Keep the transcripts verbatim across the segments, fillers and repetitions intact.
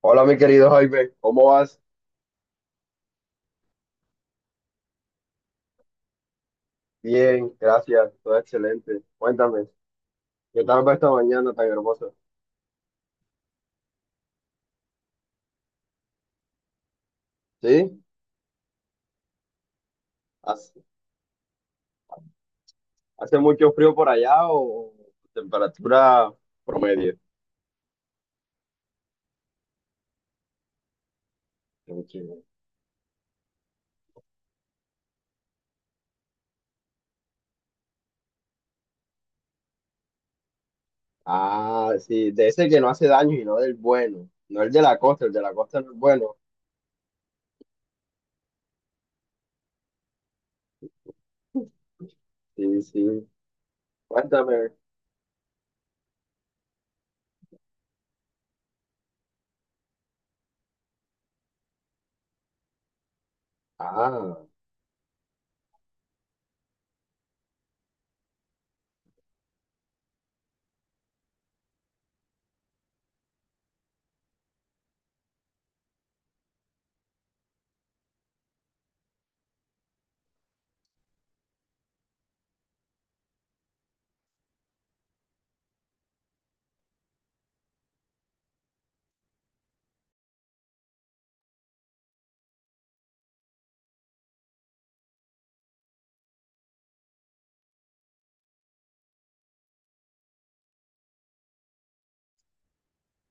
Hola, mi querido Jaime, ¿cómo vas? Bien, gracias, todo excelente. Cuéntame, ¿qué tal va esta mañana tan hermosa? ¿Sí? ¿Hace, hace mucho frío por allá o temperatura promedio? Tranquilo. Ah, sí, de ese que no hace daño y no del bueno, no el de la costa, el de la costa no es bueno. Sí, sí, cuéntame. Ah,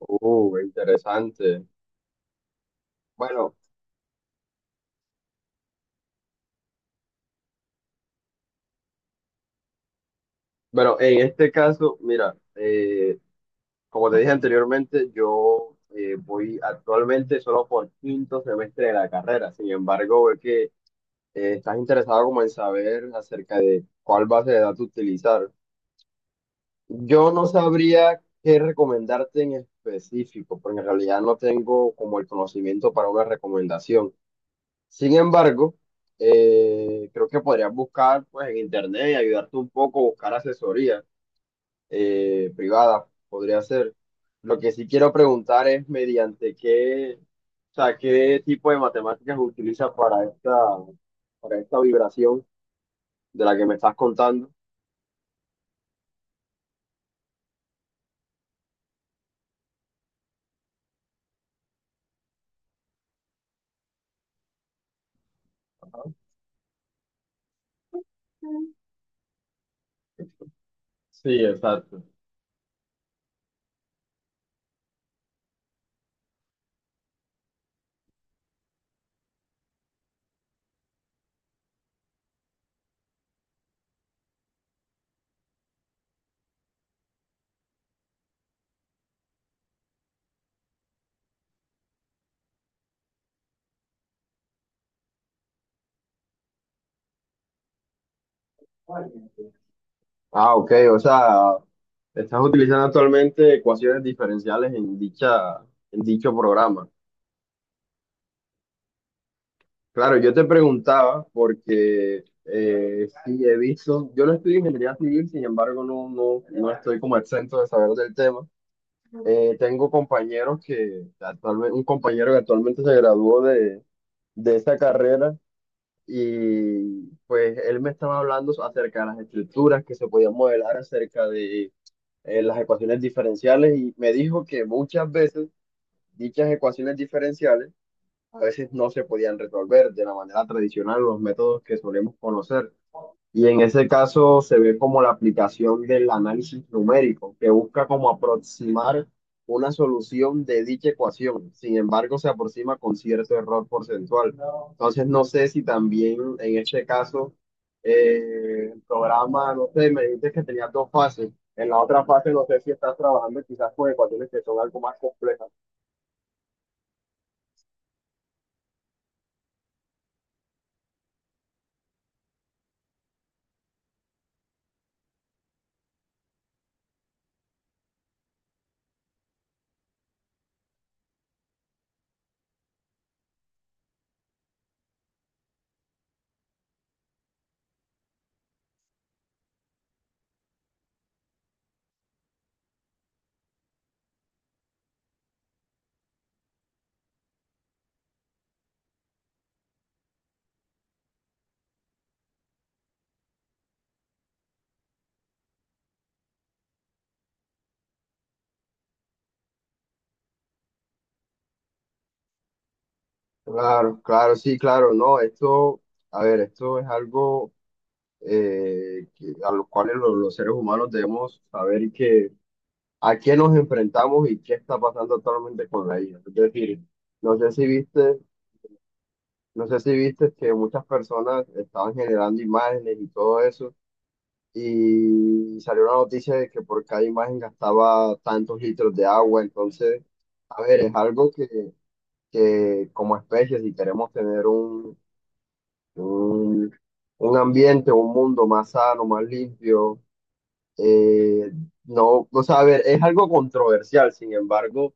uh, interesante. Bueno, bueno, en este caso, mira, eh. Como te dije anteriormente, yo eh, voy actualmente solo por quinto semestre de la carrera. Sin embargo, veo que eh, estás interesado como en saber acerca de cuál base de datos utilizar. Yo no sabría qué recomendarte en específico, porque en realidad no tengo como el conocimiento para una recomendación. Sin embargo, eh, creo que podrías buscar pues en internet y ayudarte un poco, buscar asesoría eh, privada, podría ser. Lo que sí quiero preguntar es mediante qué, o sea, qué tipo de matemáticas utiliza para esta, para esta vibración de la que me estás contando. Ajá. Sí, exacto. Ah, ok, o sea, estás utilizando actualmente ecuaciones diferenciales en dicha, en dicho programa. Claro, yo te preguntaba porque eh, sí he visto, yo no estudio ingeniería civil, sin embargo no, no, no estoy como exento de saber del tema. Eh, tengo compañeros que actualmente, un compañero que actualmente se graduó de, de esa carrera y pues él me estaba hablando acerca de las estructuras que se podían modelar, acerca de eh, las ecuaciones diferenciales y me dijo que muchas veces dichas ecuaciones diferenciales a veces no se podían resolver de la manera tradicional los métodos que solemos conocer. Y en ese caso se ve como la aplicación del análisis numérico, que busca como aproximar una solución de dicha ecuación. Sin embargo, se aproxima con cierto error porcentual. Entonces, no sé si también en este caso eh, el programa, no sé, me dices que tenía dos fases. En la otra fase, no sé si estás trabajando quizás con ecuaciones que son algo más complejas. Claro, claro, sí, claro, no, esto, a ver, esto es algo eh, que- a lo cual lo- los seres humanos debemos saber que a qué nos enfrentamos y qué está pasando actualmente con la I A. Es decir, no sé si viste, no sé si viste que muchas personas estaban generando imágenes y todo eso, y salió una noticia de que por cada imagen gastaba tantos litros de agua, entonces, a ver, es algo que que como especie, si queremos tener un, un ambiente, un mundo más sano, más limpio. eh, no, o sea, a ver, es algo controversial, sin embargo,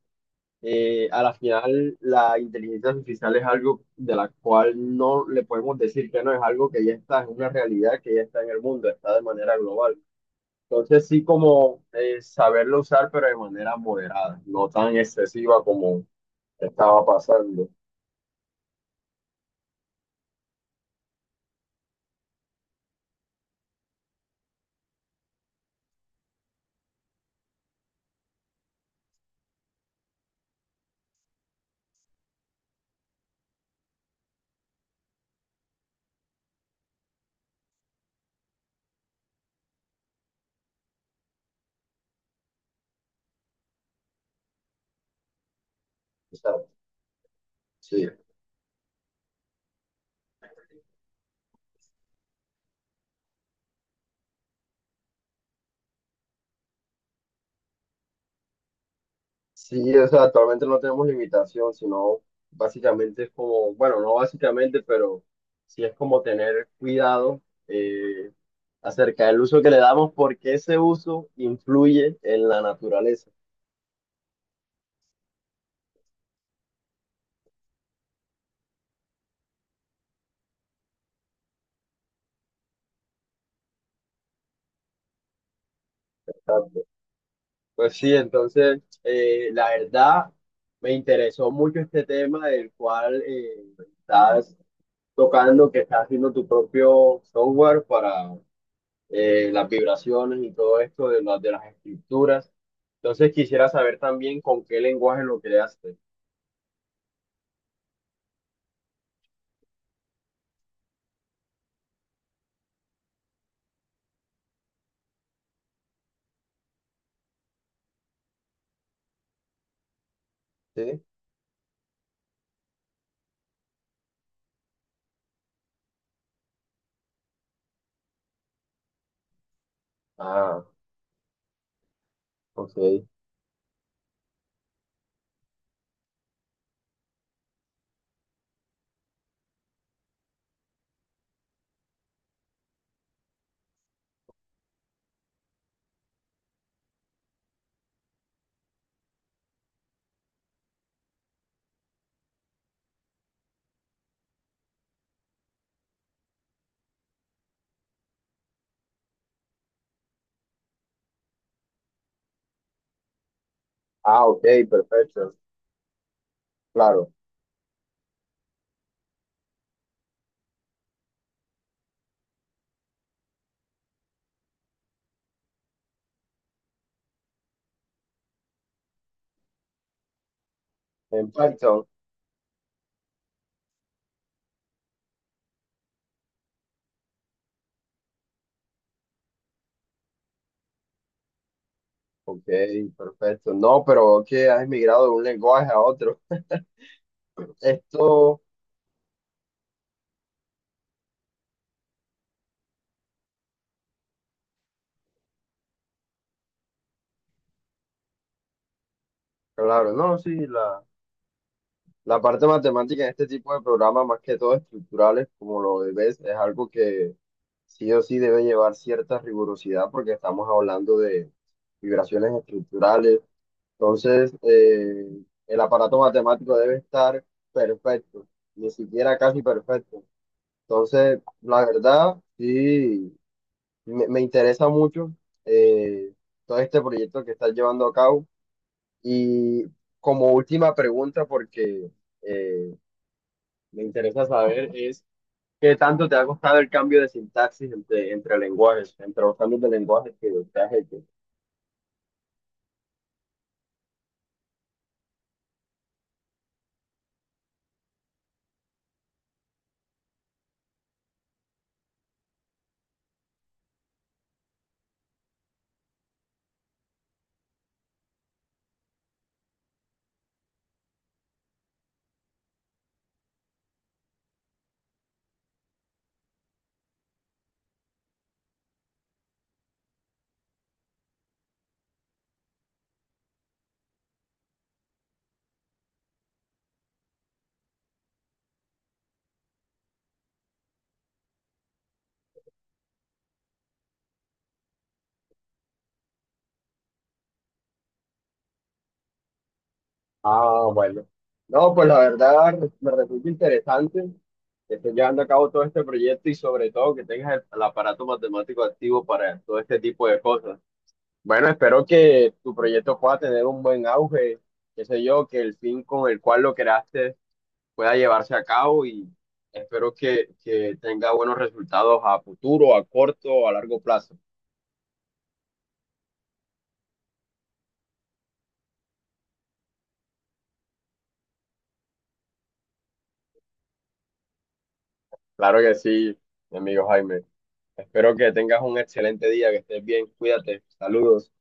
eh, a la final la inteligencia artificial es algo de la cual no le podemos decir que no, es algo que ya está, es una realidad que ya está en el mundo, está de manera global. Entonces sí como eh, saberlo usar, pero de manera moderada, no tan excesiva como estaba pasando. O sea, sí. Sí, o sea, actualmente no tenemos limitación, sino básicamente es como, bueno, no básicamente, pero sí es como tener cuidado eh, acerca del uso que le damos, porque ese uso influye en la naturaleza. Exacto. Pues sí, entonces, eh, la verdad, me interesó mucho este tema del cual eh, estás tocando, que estás haciendo tu propio software eh, las vibraciones y todo esto de, las de las escrituras. Entonces quisiera saber también con qué lenguaje lo creaste. ¿Sí? Ah, ok. Ah, ok, perfecto. Claro. En Python. Ok, perfecto. No, pero que has migrado de un lenguaje a otro. Esto, claro, no, sí, la, la parte matemática en este tipo de programas, más que todo estructurales, como lo ves, es algo que sí o sí debe llevar cierta rigurosidad porque estamos hablando de vibraciones estructurales. Entonces, eh, el aparato matemático debe estar perfecto, ni siquiera casi perfecto. Entonces, la verdad, sí, me, me interesa mucho eh, todo este proyecto que estás llevando a cabo. Y como última pregunta, porque... eh, me interesa saber es qué tanto te ha costado el cambio de sintaxis entre, entre lenguajes, entre los cambios de lenguajes que te has hecho. Ah, bueno. No, pues la verdad me resulta interesante que estés llevando a cabo todo este proyecto y sobre todo que tengas el, el aparato matemático activo para todo este tipo de cosas. Bueno, espero que tu proyecto pueda tener un buen auge, qué sé yo, que el fin con el cual lo creaste pueda llevarse a cabo y espero que, que tenga buenos resultados a futuro, a corto o a largo plazo. Claro que sí, mi amigo Jaime. Espero que tengas un excelente día, que estés bien, cuídate, saludos.